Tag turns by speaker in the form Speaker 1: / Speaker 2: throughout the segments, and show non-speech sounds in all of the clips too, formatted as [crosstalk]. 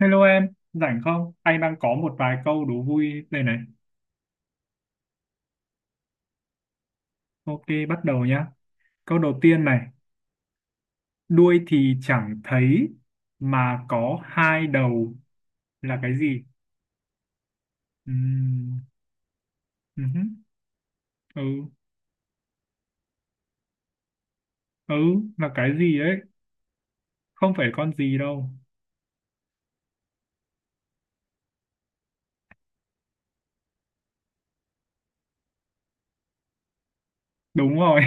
Speaker 1: Hello em, rảnh không? Anh đang có một vài câu đố vui đây này. Ok, bắt đầu nhá. Câu đầu tiên này, đuôi thì chẳng thấy mà có hai đầu là cái gì? Ừm, ừ, ừ, ừ, là cái gì đấy? Không phải con gì đâu. Đúng rồi.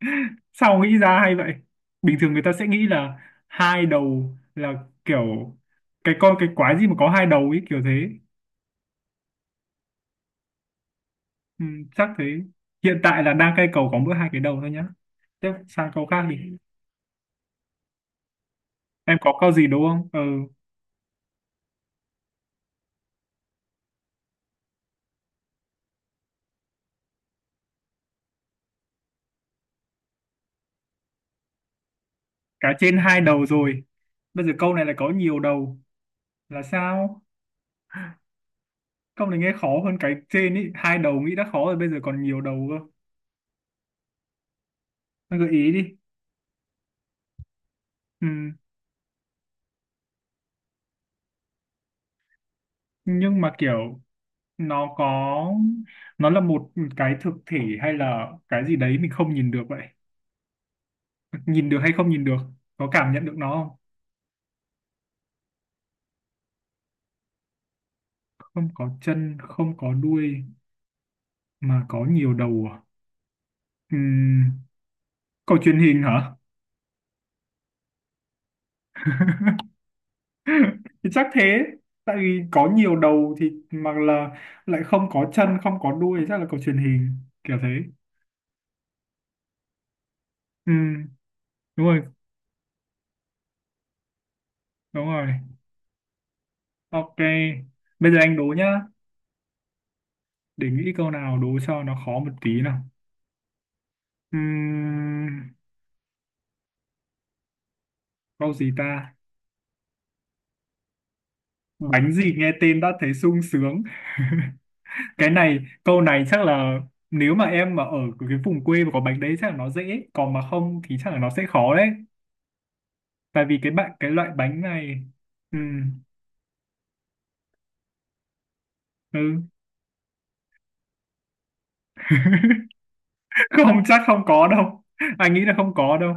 Speaker 1: [laughs] Sao nghĩ ra hay vậy? Bình thường người ta sẽ nghĩ là hai đầu là kiểu cái con cái quái gì mà có hai đầu ấy kiểu thế. Ừ, chắc thế. Hiện tại là đang cây cầu có mỗi hai cái đầu thôi nhá. Tiếp sang câu khác đi. Em có câu gì đúng không? Ừ. Cá trên hai đầu rồi, bây giờ câu này lại có nhiều đầu là sao? Câu này nghe khó hơn cái trên ý, hai đầu nghĩ đã khó rồi bây giờ còn nhiều đầu cơ. Anh gợi ý đi. Ừ. Nhưng mà kiểu, nó có, nó là một cái thực thể hay là cái gì đấy mình không nhìn được vậy? [laughs] Nhìn được hay không nhìn được? Có cảm nhận được nó? Không, không có chân, không có đuôi mà có nhiều đầu à? Ừm, Cầu truyền hình hả? Thì chắc thế. Tại vì có nhiều đầu thì mà là lại không có chân, không có đuôi chắc là cầu truyền hình kiểu thế. Ừm, đúng rồi, đúng rồi. Ok. Bây giờ anh đố nhá. Để nghĩ câu nào đố cho nó khó một tí nào. Ừm, câu gì ta? Bánh gì nghe tên đã thấy sung sướng. [laughs] Cái này, câu này chắc là nếu mà em mà ở cái vùng quê mà có bánh đấy chắc là nó dễ, còn mà không thì chắc là nó sẽ khó đấy. Tại vì cái bạn cái loại bánh này. Ừ, ừ. [laughs] Không, chắc không có đâu. Anh nghĩ là không có đâu.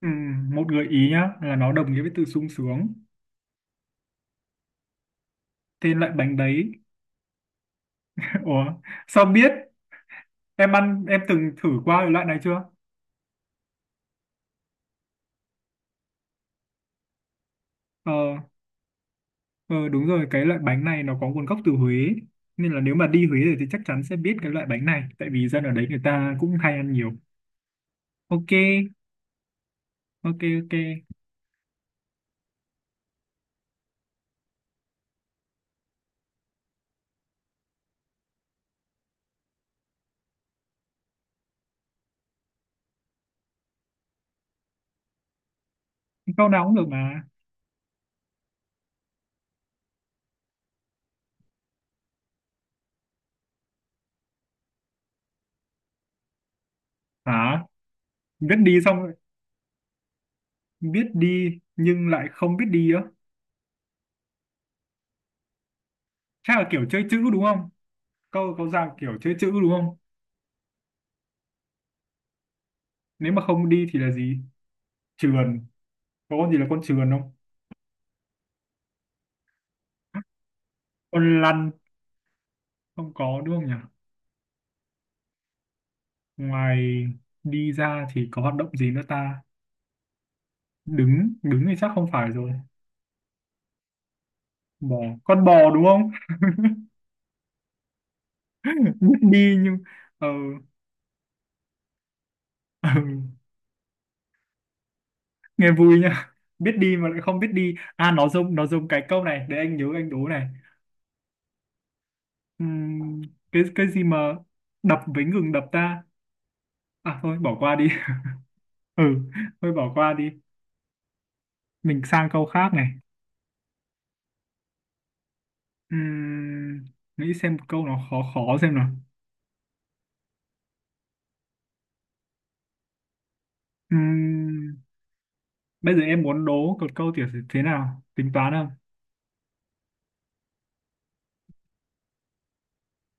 Speaker 1: Ừ, một gợi ý nhá là nó đồng nghĩa với từ sung sướng. Tên loại bánh đấy. [laughs] Ủa, sao biết? Em ăn Em từng thử qua cái loại này chưa? Ờ, ờ, đúng rồi. Cái loại bánh này nó có nguồn gốc từ Huế, nên là nếu mà đi Huế rồi thì chắc chắn sẽ biết cái loại bánh này, tại vì dân ở đấy người ta cũng hay ăn nhiều. Ok. Ok. Ok. Câu nào cũng được mà. Hả? Biết đi xong? Biết đi nhưng lại không biết đi á? Chắc là kiểu chơi chữ đúng không? Câu có dạng kiểu chơi chữ đúng không? Nếu mà không đi thì là gì? Trườn? Có con gì là con trườn không? Con lăn? Không có đúng không nhỉ? Ngoài đi ra thì có hoạt động gì nữa ta? Đứng, đứng thì chắc không phải rồi. Bò? Con bò đúng không? [laughs] Biết đi nhưng. Ờ. Ừ. Nghe vui nhá. Biết đi mà lại không biết đi à. Nó dùng cái câu này để anh nhớ, anh đố này. Ừm, cái gì mà đập với ngừng đập ta? À thôi bỏ qua đi. [laughs] Ừ, thôi bỏ qua đi. Mình sang câu khác này. Ừm, nghĩ xem một câu nó khó khó xem nào. Ừm, bây giờ em muốn đố một câu tiểu sử thế nào? Tính toán không?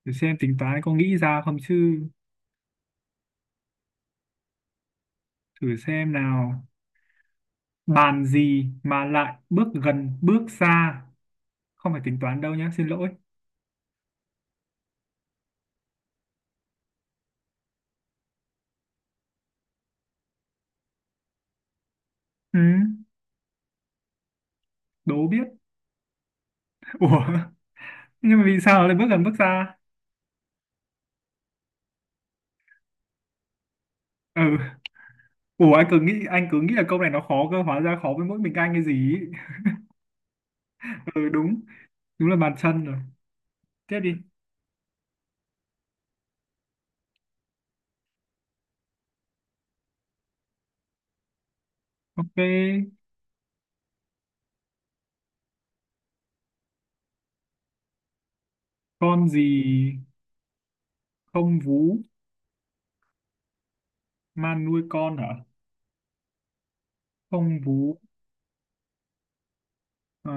Speaker 1: Thử xem tính toán có nghĩ ra không chứ. Thử xem nào. Bàn gì mà lại bước gần bước xa? Không phải tính toán đâu nhá, xin lỗi. Ừm, đố biết. [laughs] Ủa, nhưng mà vì sao lại bước gần bước xa? Ừ. Ủa, anh cứ nghĩ là câu này nó khó cơ, hóa ra khó với mỗi mình anh. Cái gì ý. Ừ, đúng. Đúng là bàn chân rồi. Tiếp đi. Ok. Con gì không vú mà nuôi con? Hả? Không vú? Ờ,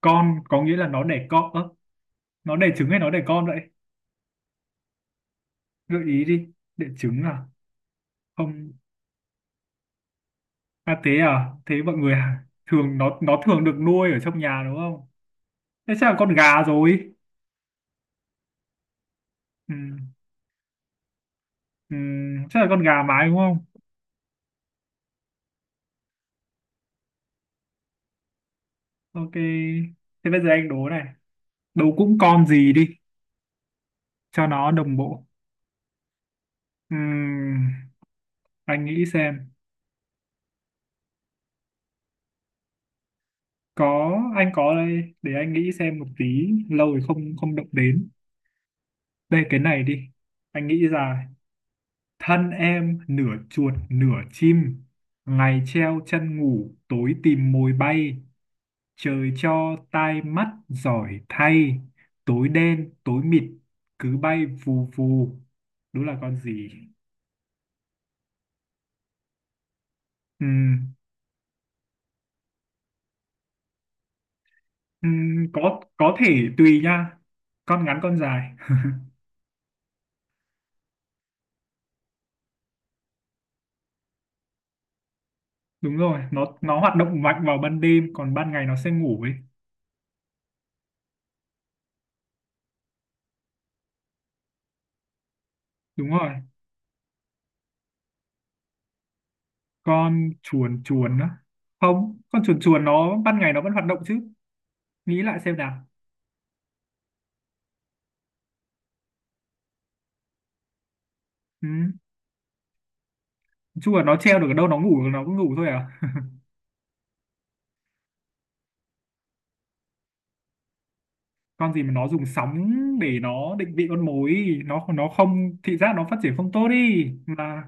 Speaker 1: con có nghĩa là nó đẻ con. Ơ, nó đẻ trứng hay nó đẻ con vậy? Gợi ý đi. Đẻ trứng à? Không. À thế mọi người à? Thường nó thường được nuôi ở trong nhà đúng không? Thế chắc là con gà rồi. Ừ, ừ, chắc là con gà mái đúng không? Ok. Thế bây giờ anh đố này. Đố cũng con gì đi. Cho nó đồng bộ. Ừm, anh nghĩ xem. Có anh có đây, để anh nghĩ xem một tí, lâu rồi không không động đến. Đây, cái này đi. Anh nghĩ ra. Thân em nửa chuột nửa chim, ngày treo chân ngủ, tối tìm mồi bay, trời cho tai mắt giỏi thay, tối đen tối mịt cứ bay vù vù. Đúng là con gì? Ừm, có thể tùy nha. Con ngắn con dài. [laughs] Đúng rồi, nó hoạt động mạnh vào ban đêm, còn ban ngày nó sẽ ngủ ấy. Đúng rồi. Con chuồn chuồn á? Không, con chuồn chuồn nó ban ngày nó vẫn hoạt động chứ. Nghĩ lại xem nào. Ừ. Chuồn nó treo được ở đâu, nó ngủ nó cứ ngủ thôi à? Con gì mà nó dùng sóng để nó định vị con mồi ý. Nó không thị giác nó phát triển không tốt đi mà.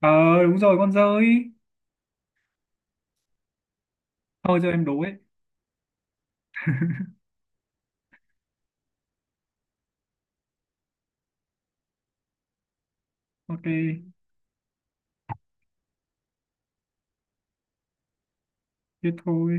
Speaker 1: Ờ. Đúng rồi, con dơi. Thôi cho em đố ấy. Ok. Thế thôi.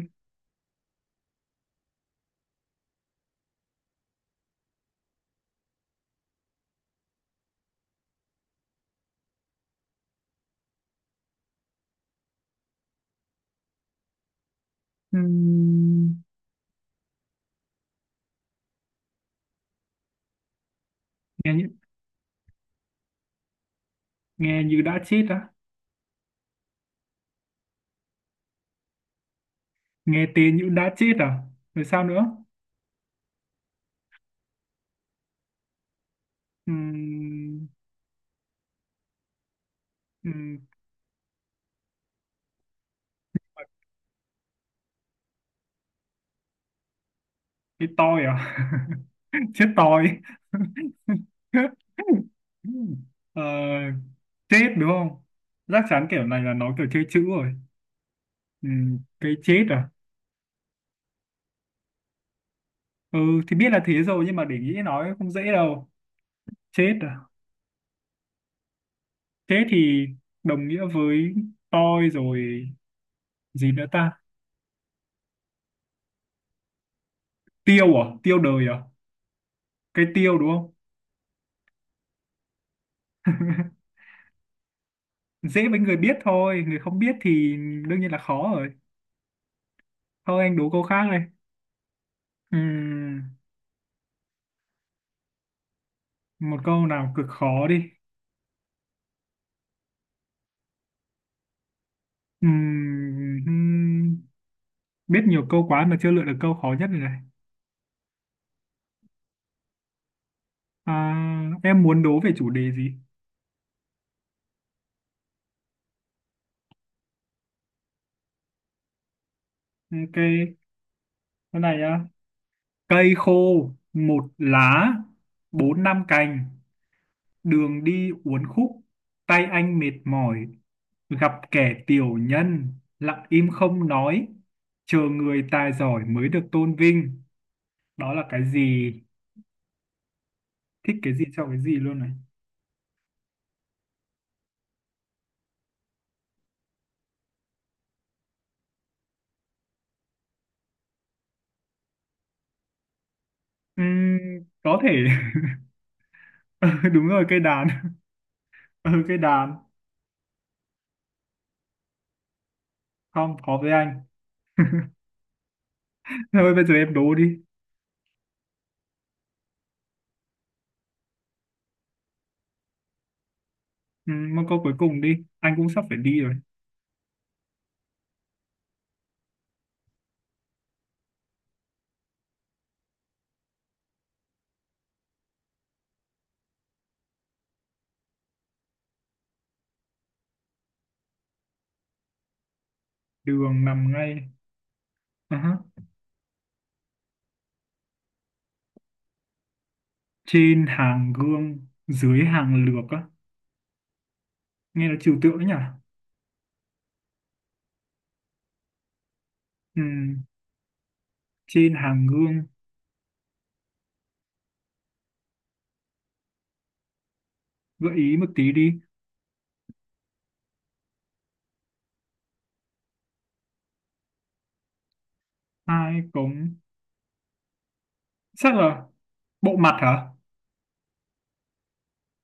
Speaker 1: Ừm, nghe như, nghe như đã chết á? Nghe tên như đã chết à? Rồi sao nữa? Ừm, ừm, cái tôi à? [laughs] Chết tôi. [laughs] Ờ, chết đúng không? Chắc chắn kiểu này là nó kiểu chơi chữ rồi. Cái chết à? Ừ, thì biết là thế rồi nhưng mà để nghĩ nói không dễ đâu. Chết à? Chết thì đồng nghĩa với tôi rồi. Gì nữa ta? Tiêu à? Tiêu đời à? Cái tiêu đúng không? Dễ với người biết thôi, người không biết thì đương nhiên là khó rồi. Thôi anh đố câu khác đây. Ừm, một câu nào cực khó đi. Ừm, hmm, biết nhiều câu quá mà chưa lựa được câu khó nhất rồi này. À, em muốn đố về chủ đề gì? Ok. Cái này á. Cây khô một lá, bốn năm cành, đường đi uốn khúc, tay anh mệt mỏi, gặp kẻ tiểu nhân, lặng im không nói, chờ người tài giỏi mới được tôn vinh. Đó là cái gì? Thích cái gì cho cái gì luôn này. Ừm, có thể. [laughs] [laughs] Ừ, đúng rồi, cây đàn. [laughs] Ừ, cây đàn. Không khó với anh. Thôi bây giờ em đố đi. Ừ, một câu cuối cùng đi, anh cũng sắp phải đi rồi. Đường nằm ngay. Ờ hả. Trên hàng gương, dưới hàng lược á? Nghe nó trừu tượng đấy nhỉ. Ừ. Trên hàng gương. Gợi ý một tí đi. Hai cống. Chắc là bộ mặt hả?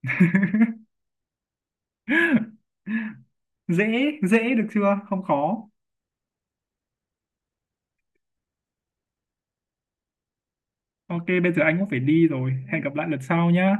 Speaker 1: [laughs] Dễ, dễ được chưa, không khó. Ok, bây giờ anh cũng phải đi rồi, hẹn gặp lại lần sau nhá.